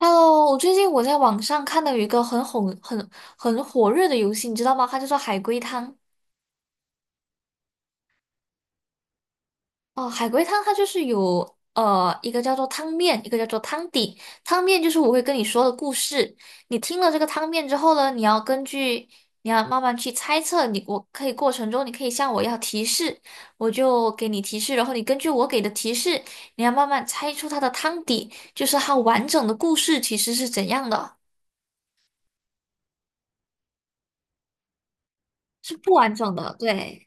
Hello，我最近网上看到有一个很红、很火热的游戏，你知道吗？它叫做海龟汤。哦，海龟汤它就是有一个叫做汤面，一个叫做汤底。汤面就是我会跟你说的故事，你听了这个汤面之后呢，你要慢慢去猜测你，我可以过程中你可以向我要提示，我就给你提示，然后你根据我给的提示，你要慢慢猜出它的汤底，就是它完整的故事其实是怎样的，是不完整的，对。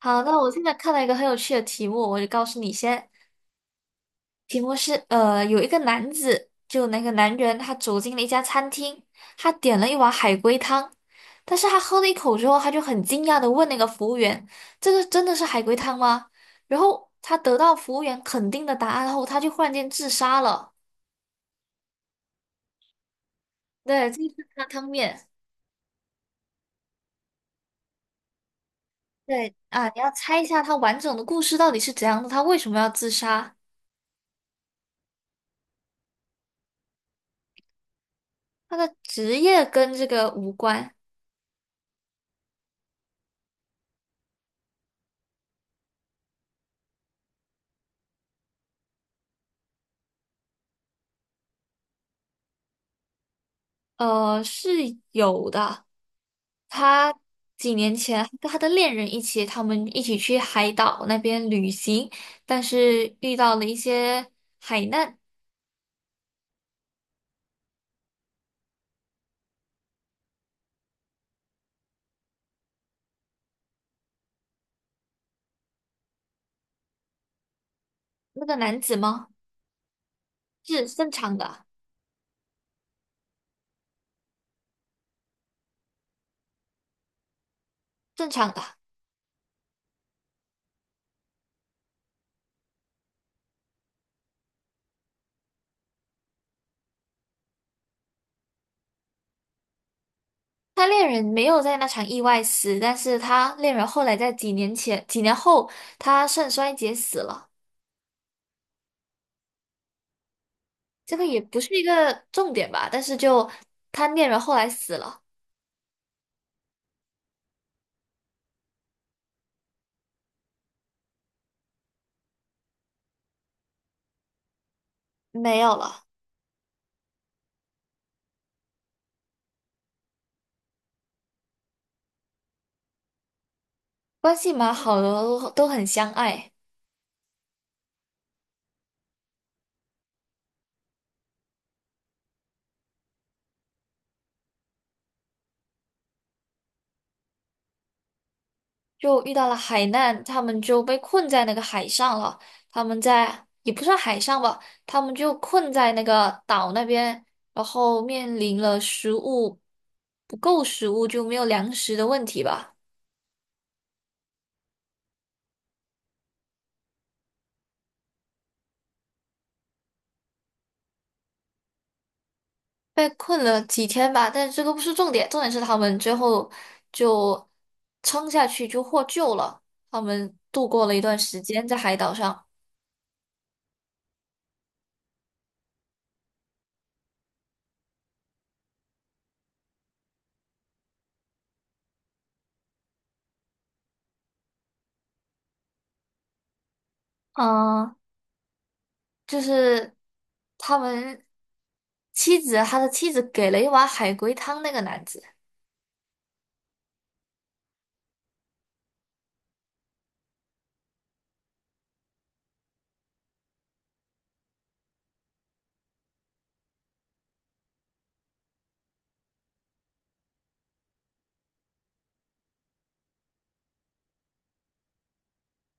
好，那我现在看到一个很有趣的题目，我就告诉你先。题目是，有一个男子，就那个男人，他走进了一家餐厅，他点了一碗海龟汤，但是他喝了一口之后，他就很惊讶的问那个服务员：“这个真的是海龟汤吗？”然后他得到服务员肯定的答案后，他就忽然间自杀了。对，这就是他汤面。对啊，你要猜一下他完整的故事到底是怎样的，他为什么要自杀？他的职业跟这个无关。是有的。他几年前还跟他的恋人一起，他们一起去海岛那边旅行，但是遇到了一些海难。那个男子吗？是正常的，正常的。他恋人没有在那场意外死，但是他恋人后来在几年后，他肾衰竭死了。这个也不是一个重点吧，但是就他恋人后来死了，没有了，关系蛮好的，都很相爱。就遇到了海难，他们就被困在那个海上了。他们在也不算海上吧，他们就困在那个岛那边，然后面临了不够食物，就没有粮食的问题吧。被困了几天吧，但是这个不是重点，重点是他们最后就撑下去，就获救了。他们度过了一段时间在海岛上。嗯，就是他们妻子，他的妻子给了一碗海龟汤那个男子。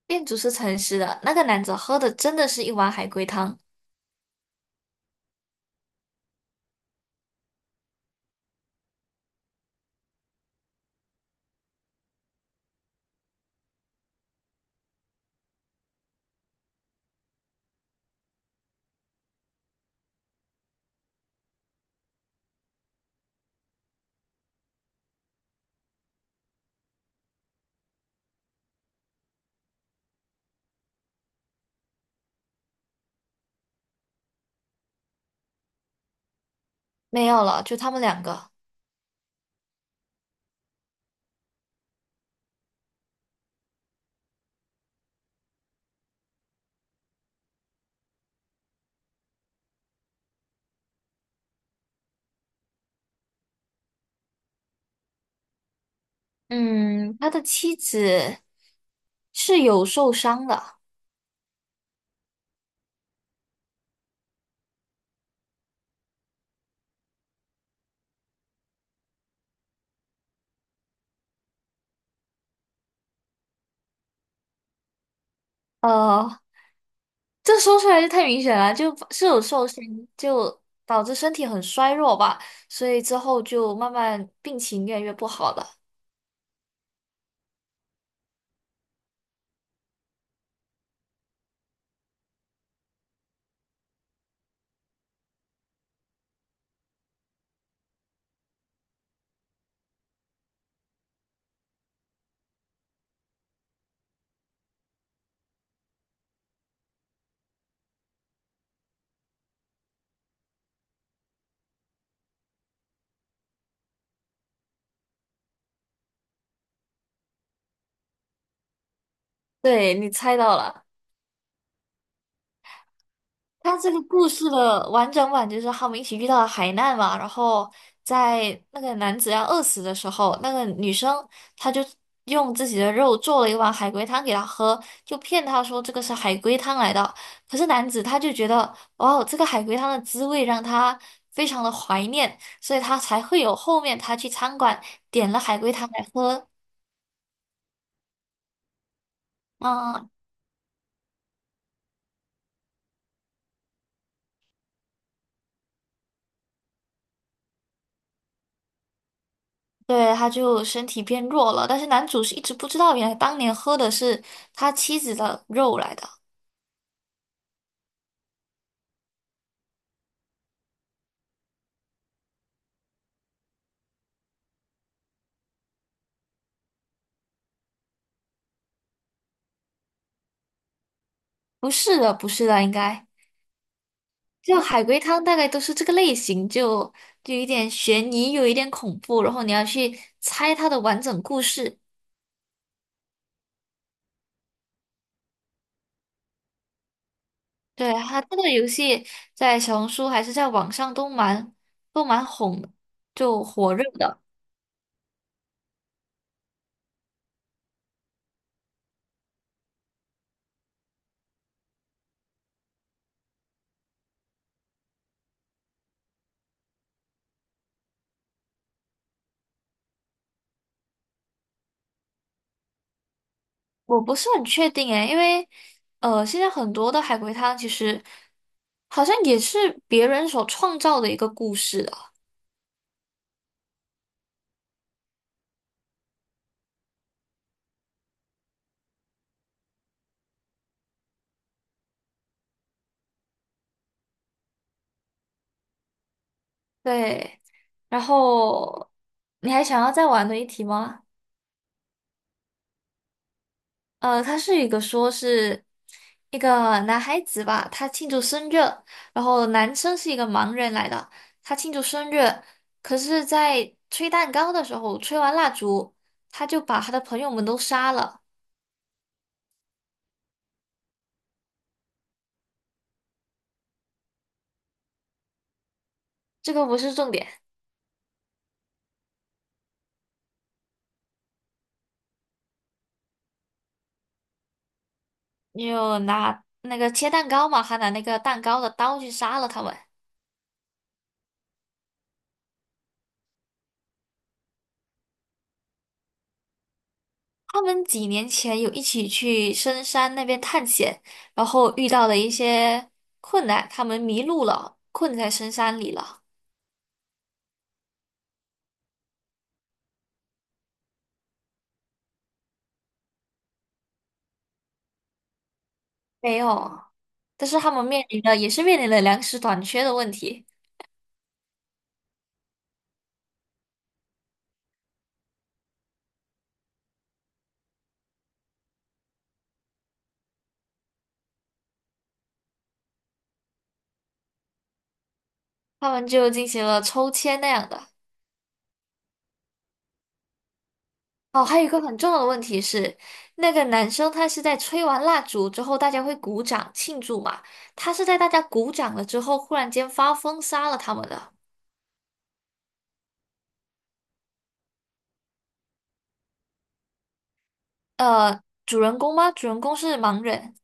店主是诚实的，那个男子喝的真的是一碗海龟汤，没有了，就他们两个。嗯，他的妻子是有受伤的，呃，这说出来就太明显了，就是有受伤，就导致身体很衰弱吧，所以之后就慢慢病情越来越不好了。对，你猜到了。他这个故事的完整版就是他们一起遇到了海难嘛，然后在那个男子要饿死的时候，那个女生她就用自己的肉做了一碗海龟汤给他喝，就骗他说这个是海龟汤来的。可是男子他就觉得，哦，这个海龟汤的滋味让他非常的怀念，所以他才会有后面他去餐馆点了海龟汤来喝。嗯嗯嗯对，他就身体变弱了，但是男主是一直不知道，原来当年喝的是他妻子的肉来的，不是的，不是的，应该就海龟汤大概都是这个类型，就有一点悬疑，有一点恐怖，然后你要去猜它的完整故事。对，它这个游戏在小红书还是在网上都蛮红的，就火热的。我不是很确定诶，因为现在很多的海龟汤其实好像也是别人所创造的一个故事啊。对，然后你还想要再玩的一题吗？它是一个说是一个男孩子吧，他庆祝生日，然后男生是一个盲人来的，他庆祝生日，可是在吹蛋糕的时候，吹完蜡烛，他就把他的朋友们都杀了，这个不是重点。你有拿那个切蛋糕嘛，还拿那个蛋糕的刀去杀了他们。他们几年前有一起去深山那边探险，然后遇到了一些困难，他们迷路了，困在深山里了。没有，但是他们面临的粮食短缺的问题，他们就进行了抽签那样的。哦，还有一个很重要的问题是，那个男生他是在吹完蜡烛之后，大家会鼓掌庆祝嘛？他是在大家鼓掌了之后，忽然间发疯杀了他们的。呃，主人公吗？主人公是盲人，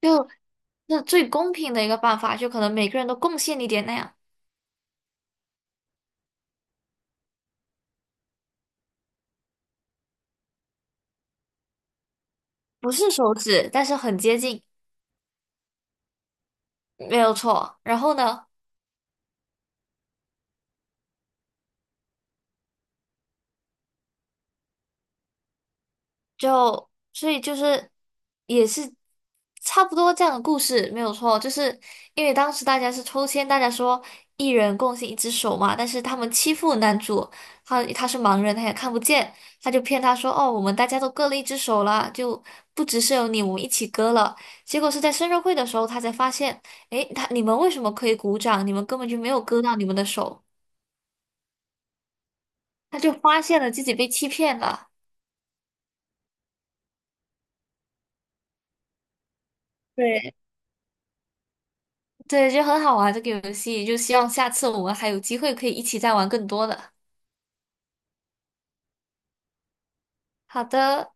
就那最公平的一个办法，就可能每个人都贡献一点那样，不是手指，但是很接近，没有错。然后呢？就所以就是也是差不多这样的故事，没有错。就是因为当时大家是抽签，大家说一人贡献一只手嘛，但是他们欺负男主，他是盲人，他也看不见，他就骗他说哦，我们大家都割了一只手了，就不只是有你，我们一起割了。结果是在生日会的时候，他才发现，诶，他你们为什么可以鼓掌？你们根本就没有割到你们的手，他就发现了自己被欺骗了。对。对，就很好玩这个游戏，就希望下次我们还有机会可以一起再玩更多的。好的，